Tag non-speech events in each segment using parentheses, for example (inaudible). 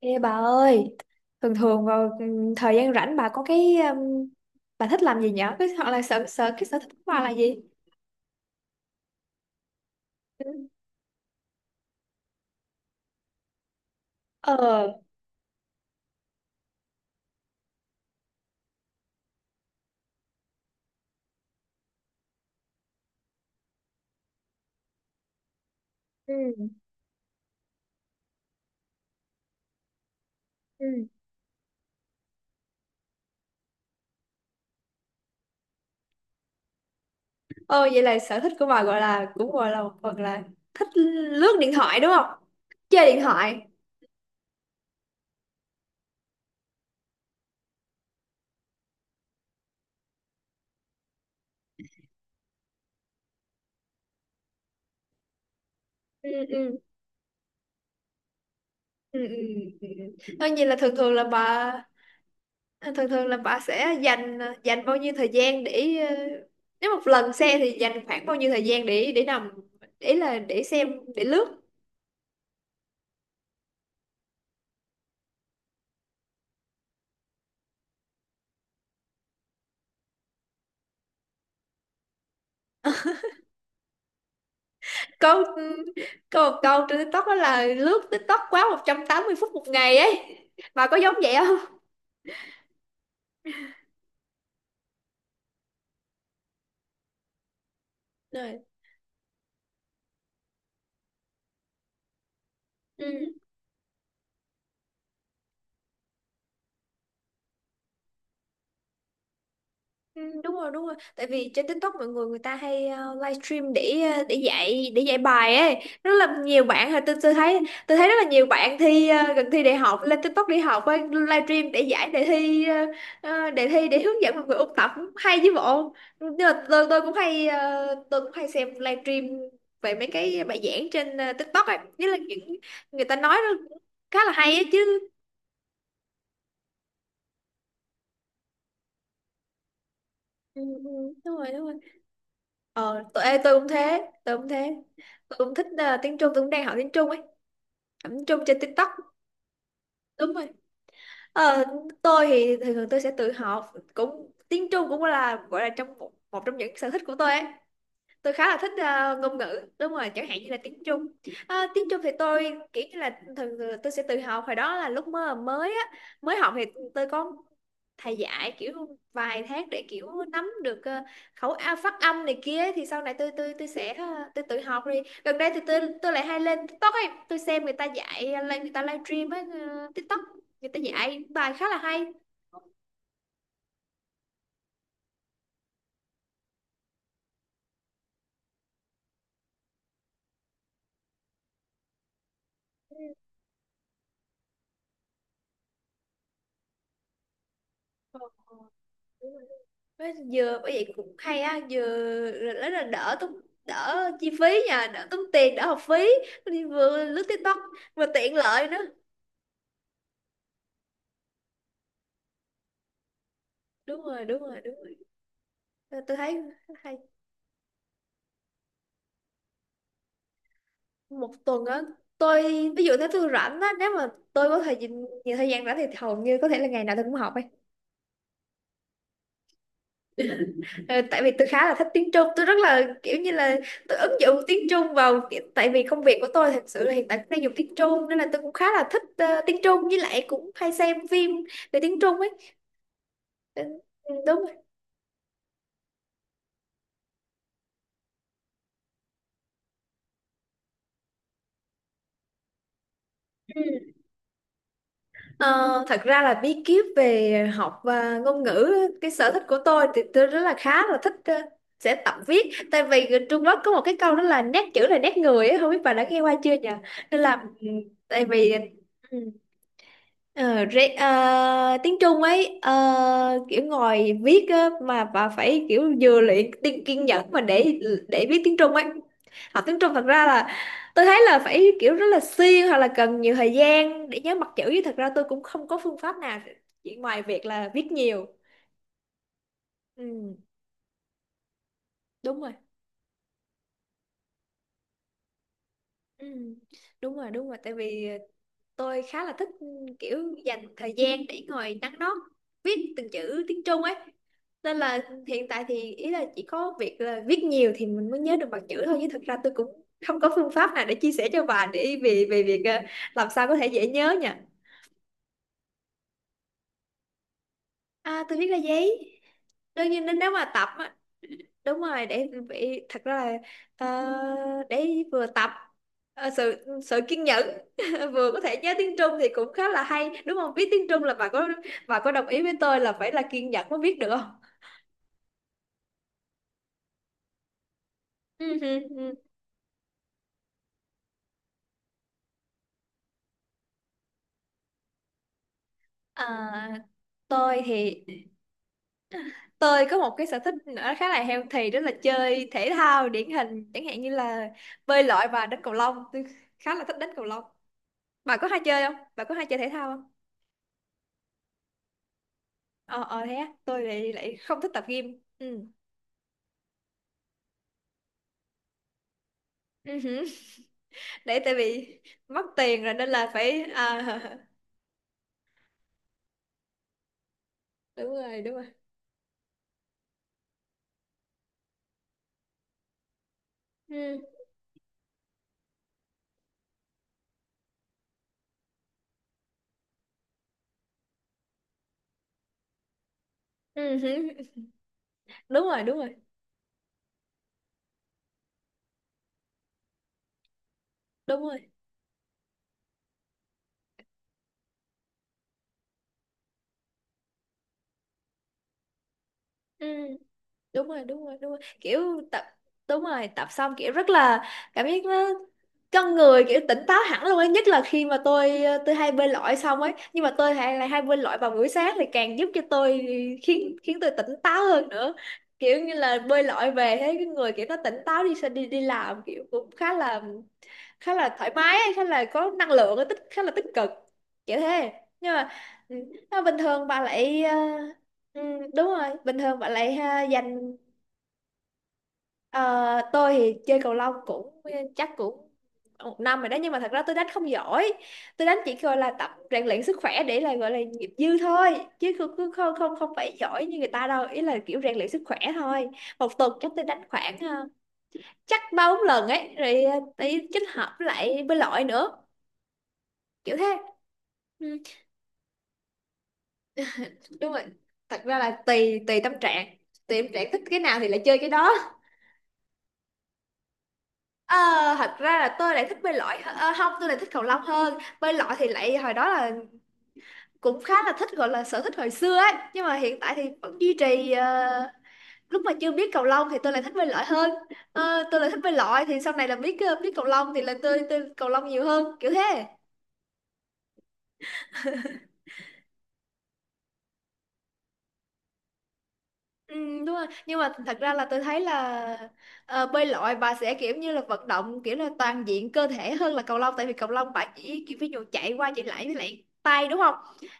Ê bà ơi, thường thường vào thời gian rảnh bà có cái bà thích làm gì nhở? Hoặc là sở sở cái sở thích của bà là gì? Ừ. Ờ, ừ, ừ. Ờ vậy là sở thích của bà gọi là cũng gọi là một phần là thích lướt điện thoại đúng không? Chơi điện thoại. Ừ, ừ, ừ, ừ. Ừ, ừ. Thôi vậy là thường thường là bà sẽ dành dành bao nhiêu thời gian để nếu một lần xem thì dành khoảng bao nhiêu thời gian để nằm, để xem, để lướt. Câu câu câu trên TikTok đó là lướt TikTok quá 180 phút một ngày ấy, bà có giống vậy không? Rồi. Ừ. Ừ, đúng rồi, đúng rồi, tại vì trên TikTok mọi người người ta hay livestream để dạy bài ấy, rất là nhiều bạn, tôi thấy rất là nhiều bạn thi gần thi đại học lên TikTok đi học ấy, livestream để giải đề thi đề thi để hướng dẫn mọi người ôn tập, hay chứ bộ. Nhưng mà tôi cũng hay xem livestream về mấy cái bài giảng trên TikTok ấy, nhất là những người ta nói nó cũng khá là hay ấy chứ. Ừ, ừ, đúng rồi, đúng rồi. Ờ, tôi, ê, tôi cũng thế, tôi cũng thế. Tôi cũng thích tiếng Trung, tôi cũng đang học tiếng Trung ấy. Học tiếng Trung trên TikTok. Đúng rồi. Ờ, tôi thì thường thường tôi sẽ tự học cũng tiếng Trung, cũng là gọi là trong một trong những sở thích của tôi ấy, tôi khá là thích ngôn ngữ, đúng rồi, chẳng hạn như là tiếng Trung. Tiếng Trung thì tôi kiểu như là thường tôi sẽ tự học. Hồi đó là lúc mới mới á mới học thì tôi có thầy dạy kiểu vài tháng để kiểu nắm được ờ, khẩu a phát âm này kia, thì sau này tôi tự học đi. Gần đây thì tôi lại hay lên TikTok ấy, tôi xem người ta dạy lên người ta livestream ấy TikTok, người ta dạy bài khá là hay. Ờ, ờ, đúng rồi. Với vừa bởi vậy cũng hay á, vừa rất là đỡ tốn, đỡ chi phí nha, đỡ tốn tiền, đỡ học phí đi, vừa lướt TikTok vừa tiện lợi nữa. Đúng rồi, đúng rồi, đúng rồi, tôi thấy hay. Một tuần á, tôi ví dụ nếu tôi rảnh á, nếu mà tôi có thời gian, nhiều thời gian rảnh thì hầu như có thể là ngày nào tôi cũng học ấy. Ờ, Tại vì tôi khá là thích tiếng Trung, tôi rất là kiểu như là tôi ứng dụng tiếng Trung vào kiểu- tại vì công việc của tôi thật sự là hiện tại cũng đang dùng tiếng Trung, nên là tôi cũng khá là thích tiếng Trung, với lại cũng hay xem phim về tiếng Trung ấy. Ừ, đúng rồi. Ừ. Ờ, Thật ra là bí kíp về học và ngôn ngữ, cái sở thích của tôi thì tôi rất là khá là thích sẽ tập viết, tại vì người Trung Quốc có một cái câu đó là nét chữ là nét người ấy, không biết bà đã nghe qua chưa nhỉ? Nên là ừ, tại vì ừ. Tiếng Trung ấy kiểu ngồi viết á, mà bà phải kiểu vừa luyện kiên nhẫn mà để viết tiếng Trung ấy, học tiếng Trung thật ra là tôi thấy là phải kiểu rất là siêng hoặc là cần nhiều thời gian để nhớ mặt chữ, chứ thật ra tôi cũng không có phương pháp nào chỉ ngoài việc là viết nhiều. Ừ, đúng rồi. Ừ, đúng rồi, đúng rồi, tại vì tôi khá là thích kiểu dành thời gian để ngồi nắn nót viết từng chữ tiếng Trung ấy, nên là hiện tại thì ý là chỉ có việc là viết nhiều thì mình mới nhớ được bằng chữ thôi, chứ thực ra tôi cũng không có phương pháp nào để chia sẻ cho bà để về về việc làm sao có thể dễ nhớ nha. À, tôi viết ra giấy, đương nhiên nếu nếu mà tập á, đúng rồi để bị thật ra là ờ, để vừa tập sự sự kiên nhẫn (laughs) vừa có thể nhớ tiếng Trung thì cũng khá là hay, đúng không biết tiếng Trung là bà có đồng ý với tôi là phải là kiên nhẫn mới biết được không? Ừ, ừ, ừ. À, tôi thì tôi có một cái sở thích nữa khá là healthy, đó là chơi thể thao, điển hình chẳng hạn như là bơi lội và đánh cầu lông. Tôi khá là thích đánh cầu lông, bà có hay chơi không, bà có hay chơi thể thao? Ờ Thế á, tôi lại lại không thích tập gym. Ừ. Ừ hử. Để tại vì mất tiền rồi nên là phải, à, (laughs) đúng rồi, đúng rồi. Ừ. Ừ hử. Đúng rồi, đúng rồi, đúng rồi. Ừ. Đúng rồi, đúng rồi, đúng rồi kiểu tập. Đúng rồi tập xong kiểu rất là cảm giác nó, con người kiểu tỉnh táo hẳn luôn ấy, nhất là khi mà tôi tôi hay bơi lội xong ấy, nhưng mà tôi hay lại hay bơi lội vào buổi sáng thì càng giúp cho tôi khiến khiến tôi tỉnh táo hơn nữa, kiểu như là bơi lội về thấy cái người kiểu nó tỉnh táo, đi đi đi làm kiểu cũng khá là thoải mái ấy, khá là có năng lượng ấy, khá là tích cực kiểu thế. Nhưng mà ừ, bình thường bà lại ừ, đúng rồi bình thường bạn lại ha, dành. Ờ, tôi thì chơi cầu lông cũng chắc cũng một năm rồi đó, nhưng mà thật ra tôi đánh không giỏi, tôi đánh chỉ gọi là tập rèn luyện sức khỏe, để là gọi là nghiệp dư thôi, chứ không không không không không phải giỏi như người ta đâu, ý là kiểu rèn luyện sức khỏe thôi. Một tuần chắc tôi đánh khoảng chắc ba bốn lần ấy rồi tí kết hợp với lại bơi lội nữa kiểu thế. Ừ, đúng rồi, thật ra là tùy tùy tâm trạng, tùy tâm trạng thích cái nào thì lại chơi cái đó. Ờ, Thật ra là tôi lại thích bơi lội không, tôi lại thích cầu lông hơn, bơi lội thì lại hồi đó là cũng khá là thích, gọi là sở thích hồi xưa ấy, nhưng mà hiện tại thì vẫn duy trì lúc mà chưa biết cầu lông thì tôi lại thích bơi lội hơn. Tôi lại thích bơi lội, thì sau này là biết cầu lông thì là tôi cầu lông nhiều hơn kiểu thế. Ừ, đúng rồi. Nhưng mà thật ra là tôi thấy là bơi lội bà sẽ kiểu như là vận động kiểu là toàn diện cơ thể hơn là cầu lông, tại vì cầu lông bà chỉ kiểu ví dụ chạy qua chạy lại với lại tay đúng không?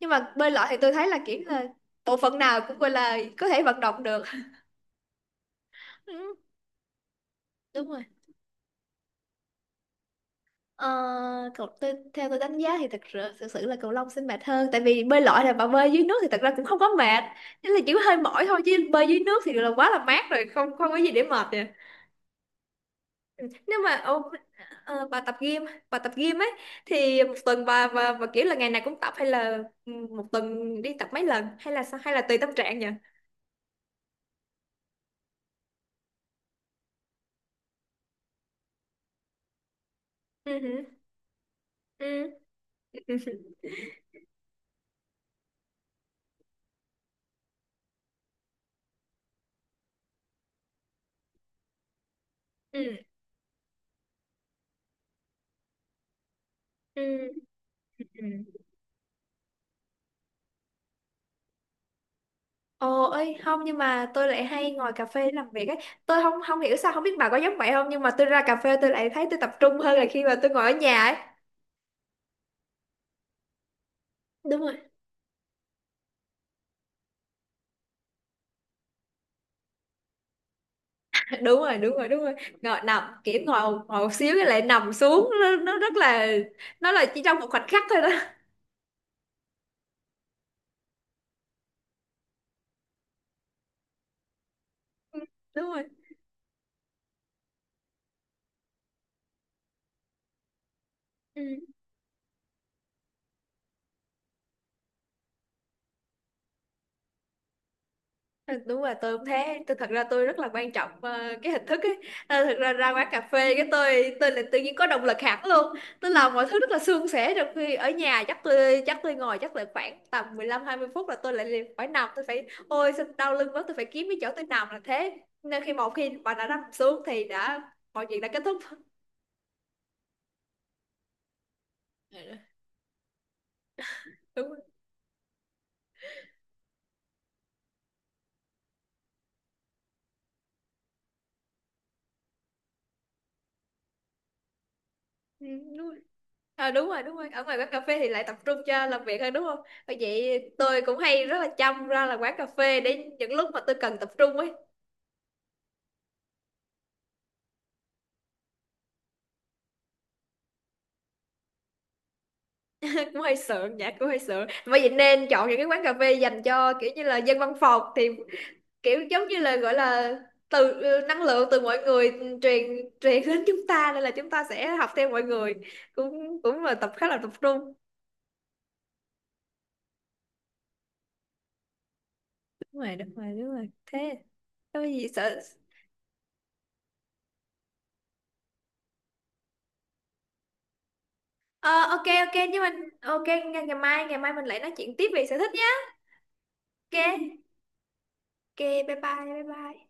Nhưng mà bơi lội thì tôi thấy là kiểu là bộ phận nào cũng gọi là có thể vận động được. Ừ, đúng rồi. Ờ, Cậu tôi, theo tôi đánh giá thì thật sự, thực sự là cầu lông sẽ mệt hơn, tại vì bơi lội là bà bơi dưới nước thì thật ra cũng không có mệt. Chỉ là chỉ có hơi mỏi thôi, chứ bơi dưới nước thì là quá là mát rồi, không không có gì để mệt. Ừ, nếu mà ờ, bà tập gym bà tập gym ấy thì một tuần bà và kiểu là ngày nào cũng tập, hay là ừ, một tuần đi tập mấy lần, hay là sao, hay là tùy tâm trạng nhỉ? Ừ hử, ừ, ừ. (laughs) Ừ, ừ, ừ. Ồ ơi không, nhưng mà tôi lại hay ngồi cà phê để làm việc ấy, tôi không không hiểu sao, không biết bà có giống vậy không, nhưng mà tôi ra cà phê tôi lại thấy tôi tập trung hơn là khi mà tôi ngồi ở nhà ấy. Đúng rồi. (laughs) Đúng rồi, đúng rồi, đúng rồi. Ngồi nằm kiểu, ngồi ngồi một xíu cái lại nằm xuống, nó là chỉ trong một khoảnh khắc thôi đó. Ừ, đúng rồi. Ừ. Đúng rồi, tôi cũng thế, tôi thật ra tôi rất là quan trọng cái hình thức ấy. Thật ra ra quán cà phê cái tôi là tự nhiên có động lực hẳn luôn, tôi làm mọi thứ rất là suôn sẻ, trong khi ở nhà chắc tôi ngồi chắc là khoảng tầm 15-20 phút là tôi lại liền phải nằm, tôi phải ôi sao đau lưng quá, tôi phải kiếm cái chỗ tôi nằm là thế. Nên một khi bạn đã nằm xuống thì đã, mọi chuyện đã kết thúc. Ừ. Đúng rồi. Ừ, đúng rồi. Đúng rồi, đúng rồi, ở ngoài quán cà phê thì lại tập trung cho làm việc hơn đúng không? Bởi vậy tôi cũng hay rất là chăm ra là quán cà phê để những lúc mà tôi cần tập trung ấy. (laughs) Cũng hơi sợ, dạ cũng hơi sợ, bởi vậy nên chọn những cái quán cà phê dành cho kiểu như là dân văn phòng, thì kiểu giống như là gọi là năng lượng từ mọi người truyền truyền đến chúng ta, nên là chúng ta sẽ học theo mọi người, cũng cũng là tập khá là tập trung. Đúng rồi, đúng rồi, đúng rồi thế, có gì sợ. Ờ ok, ok, nhưng mà ok, ngày ngày mai mình lại nói chuyện tiếp về sở thích, ok, ok, bye bye, bye bye.